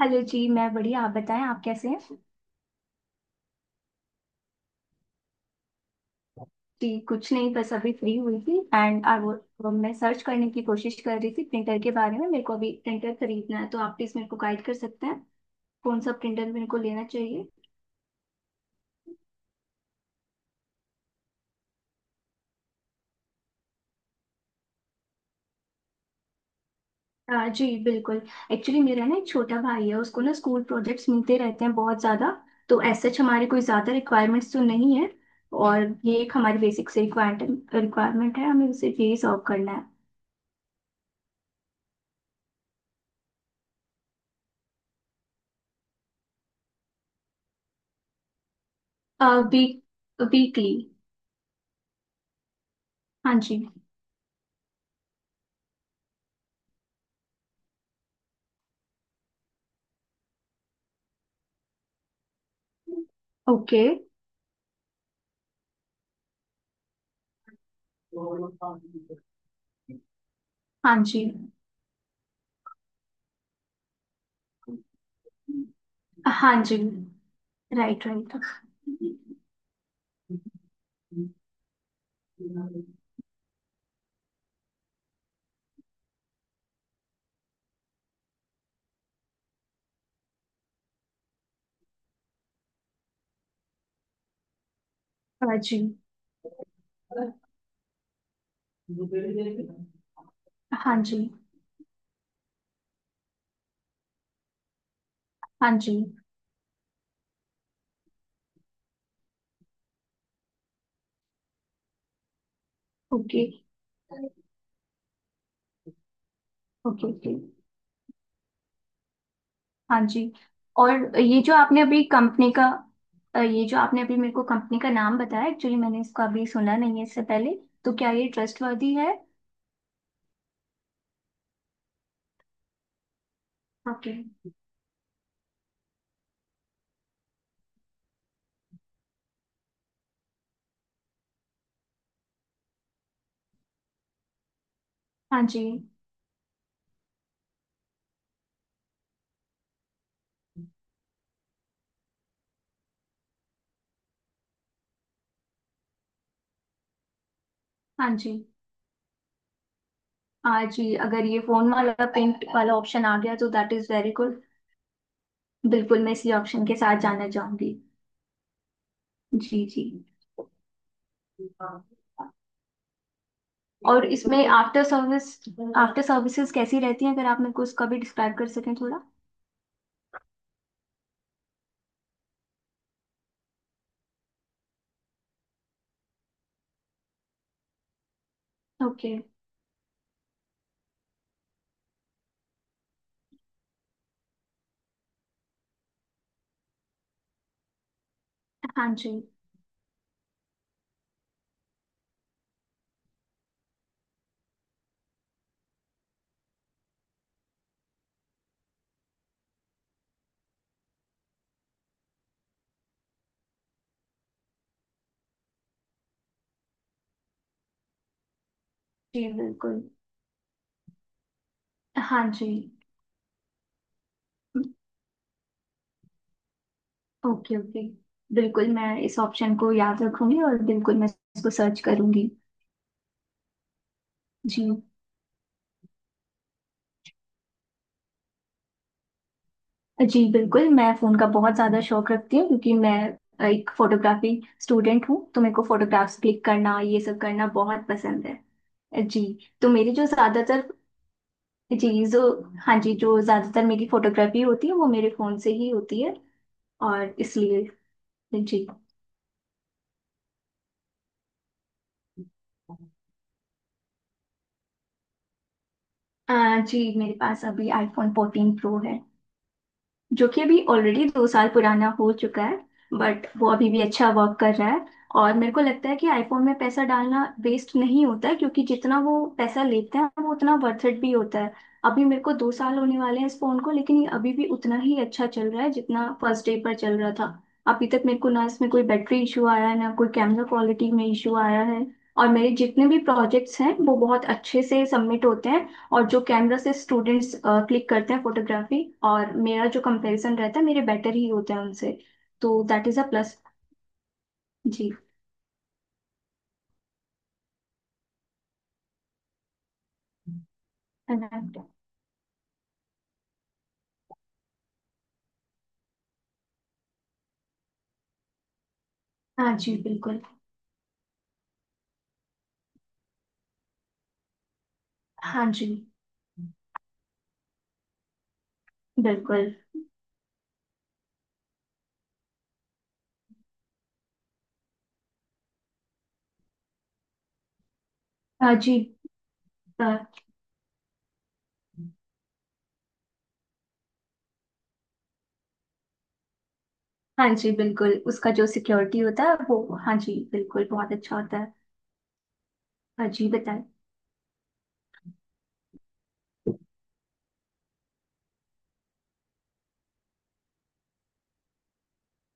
Hello जी। मैं बढ़िया, आप बताएं आप कैसे हैं। जी कुछ नहीं, बस अभी फ्री हुई थी एंड आई वो मैं सर्च करने की कोशिश कर रही थी प्रिंटर के बारे में। मेरे को अभी प्रिंटर खरीदना है, तो आप प्लीज मेरे को गाइड कर सकते हैं कौन सा प्रिंटर मेरे को लेना चाहिए। हाँ जी बिल्कुल। एक्चुअली मेरा ना एक छोटा भाई है, उसको ना स्कूल प्रोजेक्ट्स मिलते रहते हैं बहुत ज़्यादा। तो एज सच हमारे कोई ज़्यादा रिक्वायरमेंट्स तो नहीं है। और ये एक हमारी बेसिक से रिक्वायरमेंट रिक्वायरमेंट है, हमें उसे यही सॉल्व करना है। वीकली। हाँ जी। ओके। हाँ जी। हाँ जी। Right right. हाँ जी। हाँ जी। हाँ जी। Okay okay. ओके। हाँ जी। और ये जो आपने अभी कंपनी का ये जो आपने अभी मेरे को कंपनी का नाम बताया, एक्चुअली मैंने इसको अभी सुना नहीं है इससे पहले। तो क्या ये ट्रस्टवर्दी है? ओके। हाँ जी। हाँ जी। हाँ जी, अगर ये फोन वाला पेंट वाला ऑप्शन आ गया तो दैट इज वेरी गुड। बिल्कुल मैं इसी ऑप्शन के साथ जाना चाहूंगी। जी जी। और इसमें आफ्टर सर्विस आफ्टर सर्विसेज कैसी रहती हैं, अगर आप मेरे को उसका भी डिस्क्राइब कर सकें थोड़ा। ओके। हाँ जी। जी बिल्कुल। हाँ जी। Okay okay. बिल्कुल मैं इस ऑप्शन को याद रखूंगी और बिल्कुल मैं इसको सर्च करूंगी। जी। जी बिल्कुल, मैं फ़ोन का बहुत ज़्यादा शौक रखती हूँ क्योंकि मैं एक फोटोग्राफी स्टूडेंट हूँ, तो मेरे को फोटोग्राफ्स क्लिक करना ये सब करना बहुत पसंद है जी। तो मेरी जो ज़्यादातर जी जो हाँ जी, जो ज्यादातर मेरी फोटोग्राफी होती है वो मेरे फोन से ही होती है, और इसलिए जी। जी, मेरे पास अभी आईफोन 14 प्रो है, जो कि अभी ऑलरेडी 2 साल पुराना हो चुका है। बट वो अभी भी अच्छा वर्क कर रहा है। और मेरे को लगता है कि आईफोन में पैसा डालना वेस्ट नहीं होता है, क्योंकि जितना वो पैसा लेते हैं वो उतना वर्थ इट भी होता है। अभी मेरे को 2 साल होने वाले हैं इस फोन को, लेकिन ये अभी भी उतना ही अच्छा चल रहा है जितना फर्स्ट डे पर चल रहा था। अभी तक मेरे को ना इसमें कोई बैटरी इशू आया है, ना कोई कैमरा क्वालिटी में इशू आया है। और मेरे जितने भी प्रोजेक्ट्स हैं वो बहुत अच्छे से सबमिट होते हैं। और जो कैमरा से स्टूडेंट्स क्लिक करते हैं फोटोग्राफी, और मेरा जो कंपैरिजन रहता है, मेरे बेटर ही होते हैं उनसे। तो दैट इज अ प्लस। जी। है ना? हाँ जी बिल्कुल। हाँ जी बिल्कुल। हाँ जी। अ, हाँ जी बिल्कुल, उसका जो सिक्योरिटी होता है वो हाँ जी बिल्कुल बहुत अच्छा होता है। हाँ जी बताएं।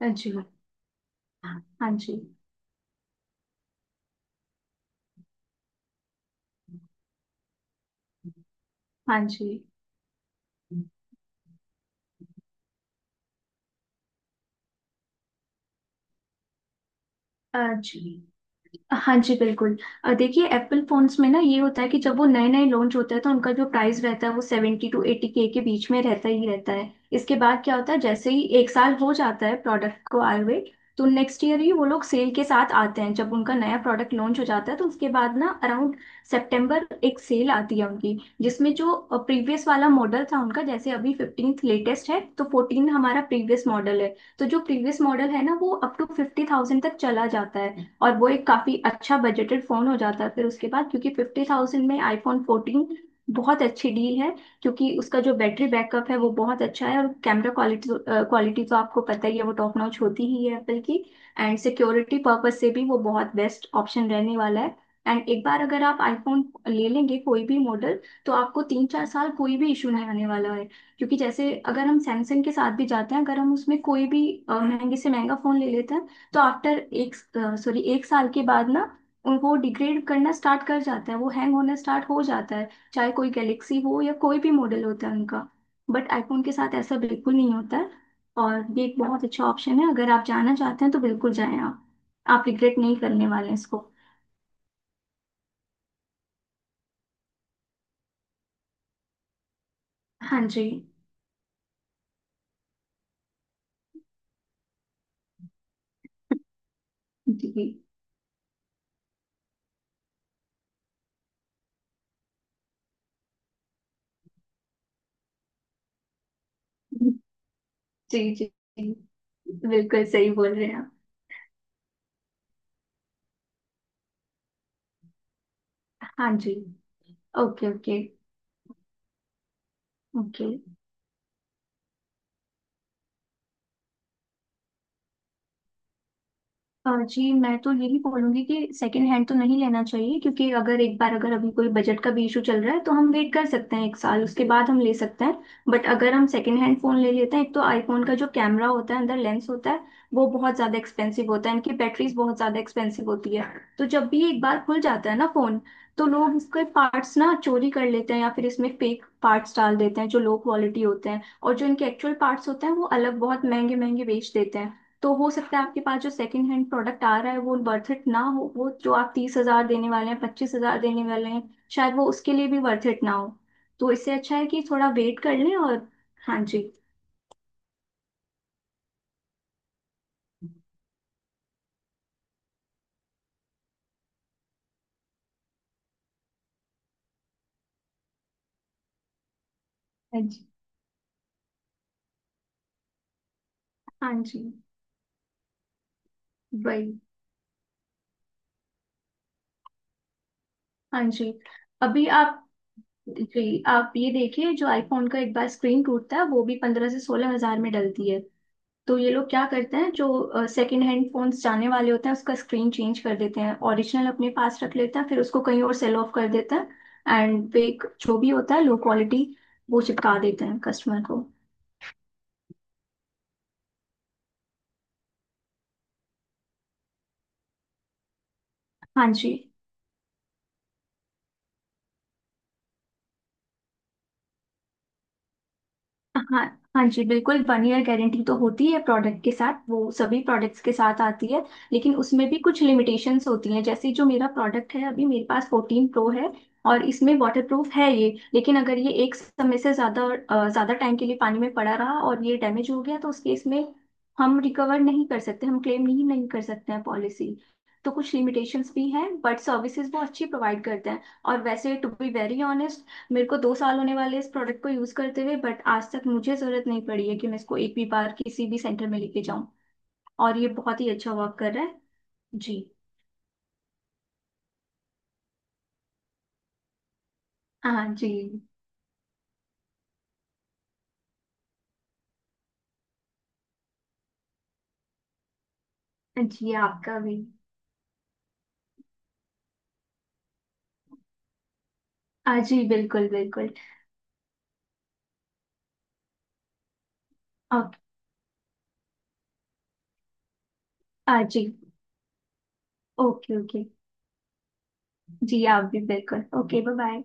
हाँ जी। हाँ जी। हाँ जी। हाँ जी। हाँ जी बिल्कुल। देखिए, एप्पल फोन्स में ना ये होता है कि जब वो नए नए लॉन्च होता है तो उनका जो प्राइस रहता है वो सेवेंटी टू एटी के बीच में रहता ही रहता है। इसके बाद क्या होता है, जैसे ही 1 साल हो जाता है प्रोडक्ट को आए हुए, तो नेक्स्ट ईयर ही वो लोग सेल के साथ आते हैं। जब उनका नया प्रोडक्ट लॉन्च हो जाता है तो उसके बाद ना अराउंड सितंबर एक सेल आती है उनकी, जिसमें जो प्रीवियस वाला मॉडल था उनका, जैसे अभी 15 लेटेस्ट है तो 14 हमारा प्रीवियस मॉडल है, तो जो प्रीवियस मॉडल है ना वो अप टू 50,000 तक चला जाता है, और वो एक काफी अच्छा बजटेड फोन हो जाता है फिर उसके बाद। क्योंकि 50,000 में आईफोन 14 बहुत अच्छी डील है। क्योंकि उसका जो बैटरी बैकअप है वो बहुत अच्छा है, और कैमरा क्वालिटी क्वालिटी तो आपको पता ही है, वो टॉप नॉच होती ही है एप्पल की। एंड सिक्योरिटी पर्पज से भी वो बहुत बेस्ट ऑप्शन रहने वाला है। एंड एक बार अगर आप आईफोन ले लेंगे कोई भी मॉडल, तो आपको 3-4 साल कोई भी इशू नहीं आने वाला है। क्योंकि जैसे अगर हम सैमसंग के साथ भी जाते हैं, अगर हम उसमें कोई भी महंगे से महंगा फोन ले लेते हैं, तो आफ्टर 1 साल के बाद ना उनको डिग्रेड करना स्टार्ट कर जाता है, वो हैंग होना स्टार्ट हो जाता है। चाहे कोई गैलेक्सी हो या कोई भी मॉडल होता है उनका। बट आईफोन के साथ ऐसा बिल्कुल नहीं होता है। और ये एक बहुत अच्छा ऑप्शन है, अगर आप जाना चाहते हैं तो बिल्कुल जाएं आप। आप रिग्रेट नहीं करने वाले हैं इसको। हाँ जी। जी जी जी जी, बिल्कुल सही बोल रहे हैं आप। हाँ जी। Okay okay okay. जी मैं तो यही बोलूंगी कि सेकंड हैंड तो नहीं लेना चाहिए, क्योंकि अगर एक बार अगर अभी कोई बजट का भी इशू चल रहा है, तो हम वेट कर सकते हैं 1 साल, उसके बाद हम ले सकते हैं। बट अगर हम सेकंड हैंड फोन ले लेते हैं, एक तो आईफोन का जो कैमरा होता है अंदर लेंस होता है, वो बहुत ज्यादा एक्सपेंसिव होता है, इनकी बैटरीज बहुत ज्यादा एक्सपेंसिव होती है। तो जब भी एक बार खुल जाता है ना फोन, तो लोग इसके पार्ट्स ना चोरी कर लेते हैं, या फिर इसमें फेक पार्ट्स डाल देते हैं जो लो क्वालिटी होते हैं, और जो इनके एक्चुअल पार्ट्स होते हैं वो अलग बहुत महंगे महंगे बेच देते हैं। तो हो सकता है आपके पास जो सेकंड हैंड प्रोडक्ट आ रहा है वो वर्थ इट ना हो। वो जो आप 30,000 देने वाले हैं, 25,000 देने वाले हैं, शायद वो उसके लिए भी वर्थ इट ना हो। तो इससे अच्छा है कि थोड़ा वेट कर लें। और हाँ जी। हाँ जी। हाँ जी। वही। हाँ जी। अभी आप। जी, आप ये देखिए, जो आईफोन का एक बार स्क्रीन टूटता है वो भी 15,000 से 16,000 में डलती है। तो ये लोग क्या करते हैं, जो सेकंड हैंड फोन्स जाने वाले होते हैं उसका स्क्रीन चेंज कर देते हैं, ओरिजिनल अपने पास रख लेते हैं, फिर उसको कहीं और सेल ऑफ कर देते हैं। एंड फेक जो भी होता है लो क्वालिटी, वो चिपका देते हैं कस्टमर को। हाँ जी। हाँ। हाँ जी बिल्कुल, 1 ईयर गारंटी तो होती है प्रोडक्ट के साथ, वो सभी प्रोडक्ट्स के साथ आती है। लेकिन उसमें भी कुछ लिमिटेशंस होती हैं, जैसे जो मेरा प्रोडक्ट है अभी, मेरे पास 14 प्रो है, और इसमें वाटर प्रूफ है ये। लेकिन अगर ये एक समय से ज़्यादा ज़्यादा टाइम के लिए पानी में पड़ा रहा और ये डैमेज हो गया, तो उस केस में हम रिकवर नहीं कर सकते, हम क्लेम नहीं नहीं कर सकते हैं पॉलिसी। तो कुछ लिमिटेशंस भी हैं, बट सर्विसेज वो अच्छी प्रोवाइड करते हैं। और वैसे टू बी वेरी ऑनेस्ट, मेरे को दो साल होने वाले इस प्रोडक्ट को यूज करते हुए, बट आज तक मुझे जरूरत नहीं पड़ी है कि मैं इसको एक भी बार किसी भी सेंटर में लेके जाऊं। और ये बहुत ही अच्छा वर्क कर रहा है। जी। हाँ जी। जी आपका भी। हाँ जी बिल्कुल बिल्कुल। ओके। हाँ जी। Okay okay. जी आप भी बिल्कुल। Okay bye bye.